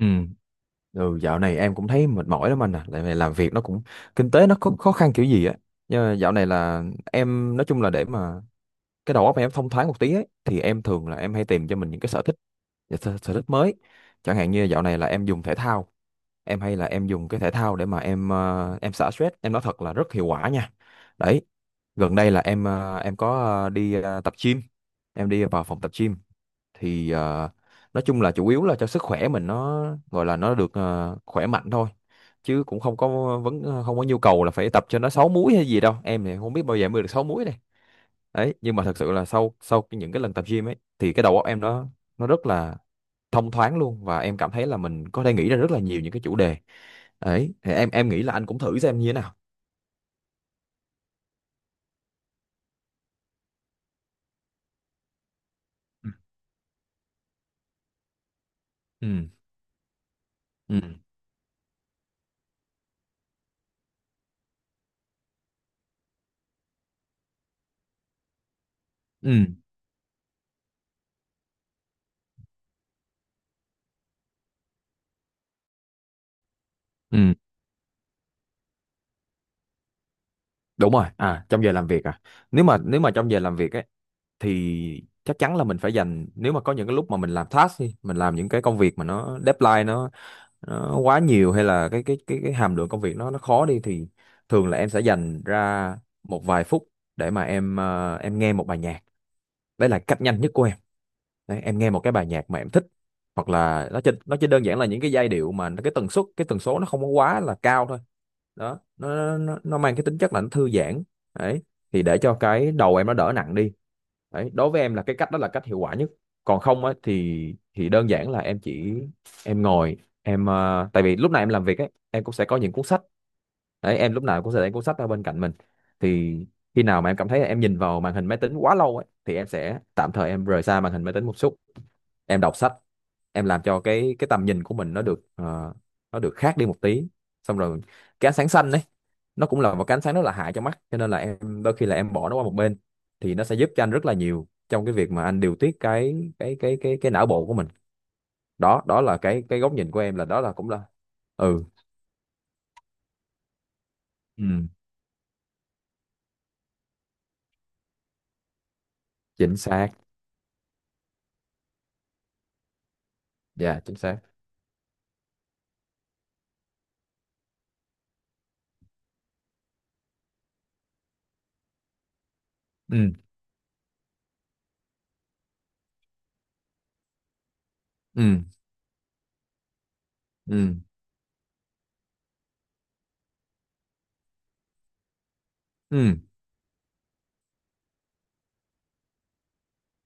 Ừ. Ừ, dạo này em cũng thấy mệt mỏi lắm anh à, tại vì làm việc nó cũng kinh tế nó khó, khó khăn kiểu gì á. Nhưng mà dạo này là em nói chung là để mà cái đầu óc em thông thoáng một tí ấy, thì em thường là em hay tìm cho mình những cái sở thích mới. Chẳng hạn như dạo này là em dùng thể thao, em hay là em dùng cái thể thao để mà em xả stress. Em nói thật là rất hiệu quả nha. Đấy, gần đây là em có đi tập gym, em đi vào phòng tập gym thì nói chung là chủ yếu là cho sức khỏe mình, nó gọi là nó được khỏe mạnh thôi, chứ cũng không có không có nhu cầu là phải tập cho nó sáu múi hay gì đâu. Em thì không biết bao giờ em mới được sáu múi này. Đấy, nhưng mà thật sự là sau sau cái- những cái lần tập gym ấy thì cái đầu óc em nó rất là thông thoáng luôn, và em cảm thấy là mình có thể nghĩ ra rất là nhiều những cái chủ đề. Ấy thì em nghĩ là anh cũng thử xem như thế nào. Ừ. Ừ. Ừ. Ừ. Ừ. Đúng rồi à, trong giờ làm việc à? Nếu mà trong giờ làm việc ấy thì chắc chắn là mình phải dành, nếu mà có những cái lúc mà mình làm task đi, mình làm những cái công việc mà nó deadline nó quá nhiều, hay là cái hàm lượng công việc nó khó đi, thì thường là em sẽ dành ra một vài phút để mà em nghe một bài nhạc. Đấy là cách nhanh nhất của em. Đấy, em nghe một cái bài nhạc mà em thích, hoặc là nó chỉ đơn giản là những cái giai điệu mà cái tần suất, cái tần số nó không có quá là cao thôi. Đó, nó mang cái tính chất là nó thư giãn. Đấy, thì để cho cái đầu em nó đỡ nặng đi. Đấy, đối với em là cái cách đó là cách hiệu quả nhất. Còn không á thì đơn giản là em chỉ em ngồi, tại vì lúc này em làm việc ấy, em cũng sẽ có những cuốn sách. Đấy, em lúc nào cũng sẽ để cuốn sách ở bên cạnh mình. Thì khi nào mà em cảm thấy là em nhìn vào màn hình máy tính quá lâu ấy, thì em sẽ tạm thời em rời xa màn hình máy tính một chút, em đọc sách. Em làm cho cái tầm nhìn của mình nó được khác đi một tí. Xong rồi cái ánh sáng xanh đấy, nó cũng là một cái ánh sáng rất là hại cho mắt, cho nên là em đôi khi là em bỏ nó qua một bên, thì nó sẽ giúp cho anh rất là nhiều trong cái việc mà anh điều tiết cái não bộ của mình. Đó, là cái góc nhìn của em, là đó là cũng là... Ừ. Ừ. Chính xác. Dạ chính xác. Ừ. Ừ. Ừ. Ừ.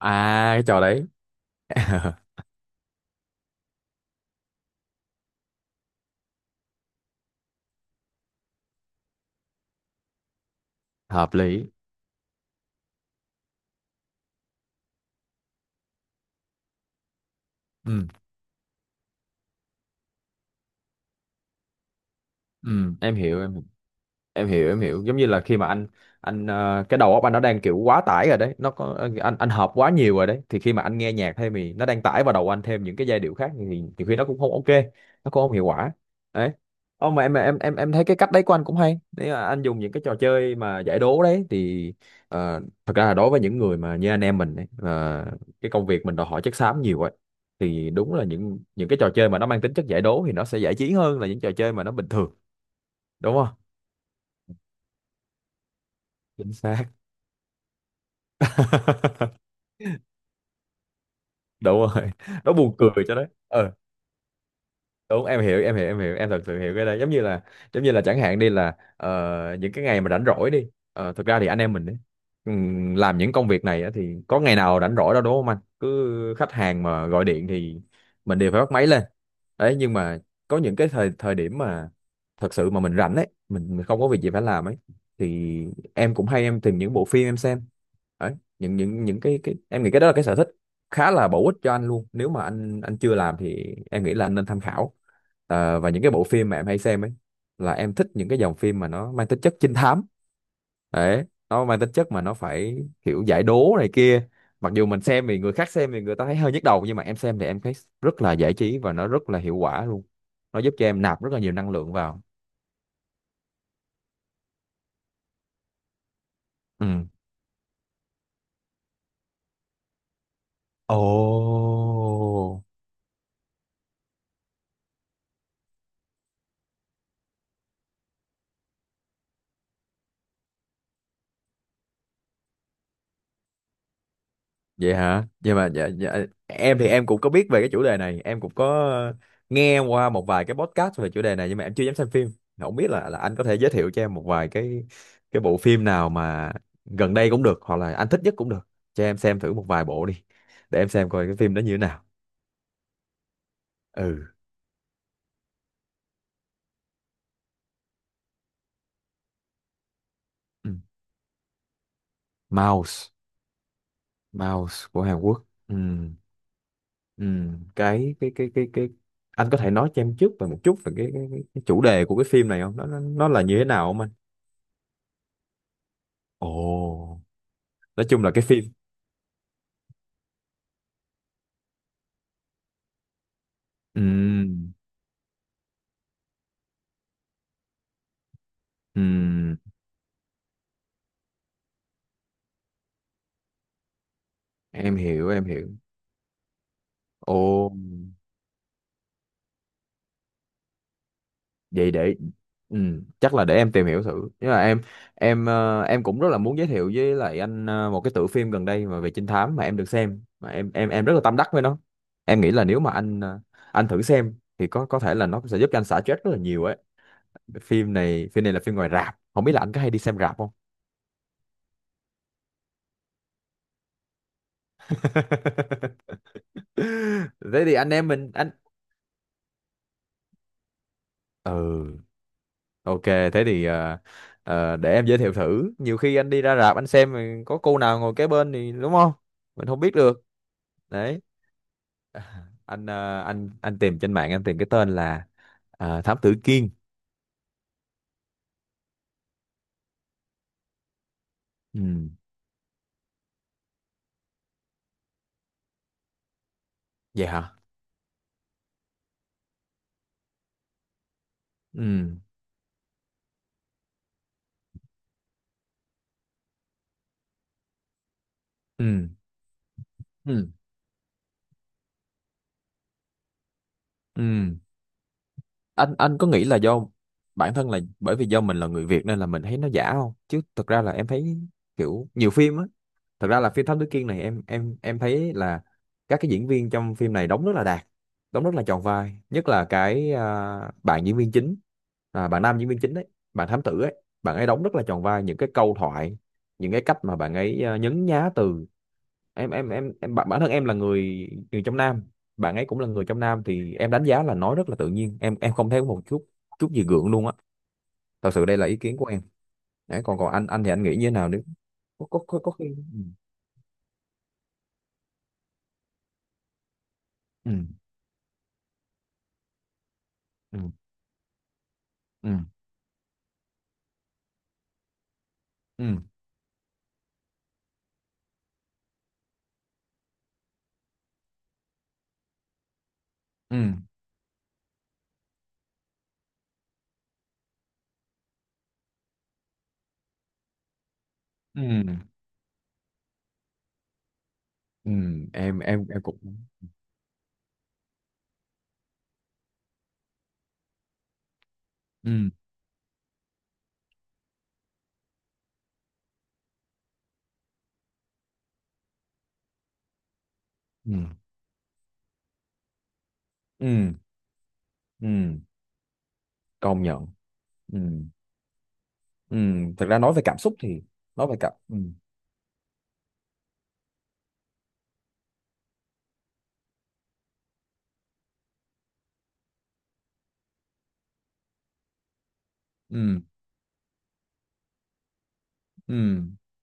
À, cái trò đấy. Hợp lý. Ừ. Ừ. Em hiểu em, em hiểu. Giống như là khi mà anh cái đầu óc anh nó đang kiểu quá tải rồi đấy, nó có anh hợp quá nhiều rồi đấy, thì khi mà anh nghe nhạc thêm thì nó đang tải vào đầu anh thêm những cái giai điệu khác, thì nhiều khi nó cũng không ok, nó cũng không hiệu quả. Đấy. Ô, mà em thấy cái cách đấy của anh cũng hay, nếu mà anh dùng những cái trò chơi mà giải đố đấy thì... Thật ra là đối với những người mà như anh em mình ấy, cái công việc mình đòi hỏi chất xám nhiều ấy, thì đúng là những cái trò chơi mà nó mang tính chất giải đố thì nó sẽ giải trí hơn là những trò chơi mà nó bình thường. Đúng không? Chính xác. Đúng rồi. Nó buồn cười cho đấy. Ừ, đúng. Em hiểu, em hiểu, em hiểu, em thật sự hiểu cái đó. Giống như là chẳng hạn đi là, những cái ngày mà rảnh rỗi đi, thực ra thì anh em mình ấy, làm những công việc này á, thì có ngày nào rảnh rỗi đâu, đúng không? Anh cứ khách hàng mà gọi điện thì mình đều phải bắt máy lên. Đấy, nhưng mà có những cái thời thời điểm mà thật sự mà mình rảnh ấy, mình không có việc gì phải làm ấy, thì em cũng hay em tìm những bộ phim em xem. Đấy, những cái em nghĩ cái đó là cái sở thích khá là bổ ích cho anh luôn, nếu mà anh chưa làm thì em nghĩ là anh nên tham khảo. Và những cái bộ phim mà em hay xem ấy, là em thích những cái dòng phim mà nó mang tính chất trinh thám. Đấy, nó mang tính chất mà nó phải kiểu giải đố này kia. Mặc dù mình xem thì người khác xem thì người ta thấy hơi nhức đầu, nhưng mà em xem thì em thấy rất là giải trí và nó rất là hiệu quả luôn, nó giúp cho em nạp rất là nhiều năng lượng vào. Ừ. Ồ. Vậy hả? Nhưng mà dạ, dạ, em thì em cũng có biết về cái chủ đề này, em cũng có nghe qua một vài cái podcast về chủ đề này, nhưng mà em chưa dám xem phim. Không biết là anh có thể giới thiệu cho em một vài cái bộ phim nào mà gần đây cũng được, hoặc là anh thích nhất cũng được, cho em xem thử một vài bộ đi, để em xem coi cái phim đó như thế nào. Ừ. Ừ. Mouse. Mouse của Hàn Quốc. Ừ. Ừ. Cái Anh có thể nói cho em trước về một chút về cái chủ đề của cái phim này không, nó là như thế nào không anh? Ồ. Nói chung là cái phim. Ừm. Ừm. Em hiểu, em hiểu. Ồ, vậy để... chắc là để em tìm hiểu thử, nhưng mà em cũng rất là muốn giới thiệu với lại anh một cái tựa phim gần đây mà về trinh thám mà em được xem, mà em rất là tâm đắc với nó. Em nghĩ là nếu mà anh thử xem thì có thể là nó sẽ giúp cho anh xả stress rất là nhiều ấy. Phim này là phim ngoài rạp, không biết là anh có hay đi xem rạp không? Thế thì anh em mình anh... Ừ. Ok, thế thì để em giới thiệu thử. Nhiều khi anh đi ra rạp anh xem thì có cô nào ngồi kế bên thì đúng không? Mình không biết được. Đấy. À, anh tìm trên mạng, anh tìm cái tên là Thám Tử Kiên. Ừ, vậy hả? Ừ, ừ, ừ, ừ. Anh có nghĩ là do bản thân là bởi vì do mình là người Việt nên là mình thấy nó giả không? Chứ thực ra là em thấy kiểu nhiều phim á, thật ra là phim Thám Tử Kiên này em, em thấy là các cái diễn viên trong phim này đóng rất là đạt, đóng rất là tròn vai, nhất là cái à, bạn diễn viên chính, à, bạn nam diễn viên chính đấy, bạn thám tử ấy, bạn ấy đóng rất là tròn vai những cái câu thoại, những cái cách mà bạn ấy à, nhấn nhá từ. Em bản, thân em là người, người trong Nam, bạn ấy cũng là người trong Nam, thì em đánh giá là nói rất là tự nhiên, em không thấy một chút chút gì gượng luôn á. Thật sự đây là ý kiến của em. Đấy, còn còn anh thì anh nghĩ như thế nào nếu... có khi... Ừ. Ừ. Ừ. Ừ. Ừ. Ừ. Ừ. ừ Em cũng... Ừ. Ừ. Ừ. Ừ. Công nhận. Ừ. Ừ. Thực ra nói về cảm xúc thì... Nói về cảm... Ừ. Ừ. Ừ.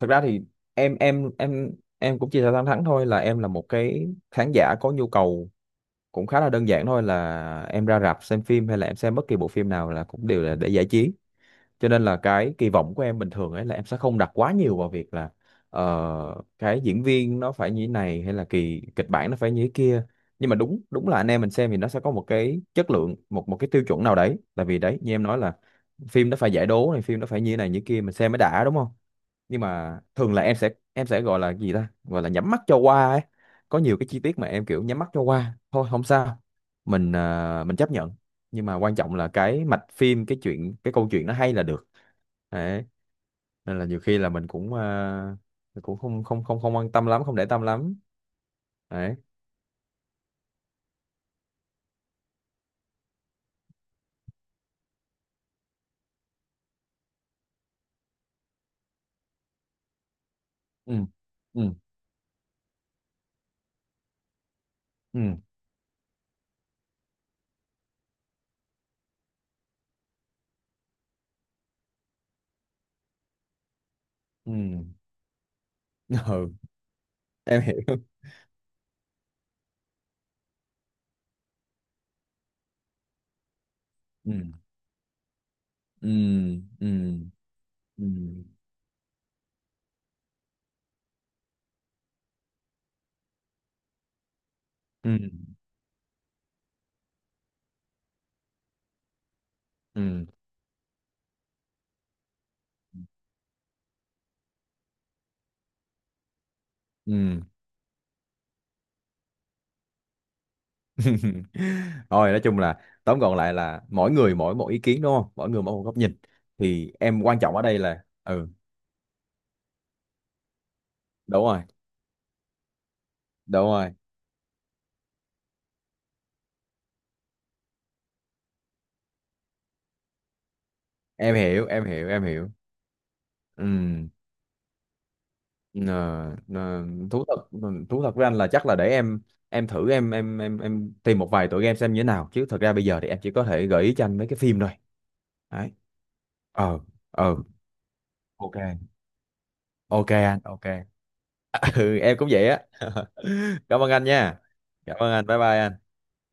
Thực ra thì em em cũng chia sẻ thẳng thắn thôi, là em là một cái khán giả có nhu cầu cũng khá là đơn giản thôi, là em ra rạp xem phim hay là em xem bất kỳ bộ phim nào là cũng đều là để giải trí, cho nên là cái kỳ vọng của em bình thường ấy là em sẽ không đặt quá nhiều vào việc là cái diễn viên nó phải như thế này hay là kỳ kịch bản nó phải như thế kia. Nhưng mà đúng đúng là anh em mình xem thì nó sẽ có một cái chất lượng, một một cái tiêu chuẩn nào đấy, tại vì đấy như em nói là phim nó phải giải đố này, phim nó phải như thế này như thế kia mình xem mới đã, đúng không? Nhưng mà thường là em sẽ gọi là gì ta, gọi là nhắm mắt cho qua ấy, có nhiều cái chi tiết mà em kiểu nhắm mắt cho qua thôi, không sao, mình chấp nhận. Nhưng mà quan trọng là cái mạch phim, cái chuyện, cái câu chuyện nó hay là được. Đấy, nên là nhiều khi là mình cũng không không không không quan tâm lắm, không để tâm lắm. Đấy. Ừ. Ừ. Ừ. Ừ. Ừ, em hiểu. Ừ. Ừ. Ừ. Ừ. Ừ. Ừ. Ừ. Thôi, nói chung là tóm gọn lại là mỗi người mỗi một ý kiến, đúng không, mỗi người mỗi một góc nhìn. Thì em, quan trọng ở đây là... Ừ. Đúng rồi. Đúng rồi. Em hiểu, em hiểu, em hiểu. Ừ. Ờ, ờ, thú thật... với anh là chắc là để em thử, em tìm một vài tựa game xem như thế nào, chứ thật ra bây giờ thì em chỉ có thể gợi ý cho anh mấy cái phim thôi. Đấy. Ờ. Ờ. Ok. Ok anh. Ok. Ừ, em cũng vậy á. Cảm ơn anh nha. Cảm ơn anh, bye bye anh.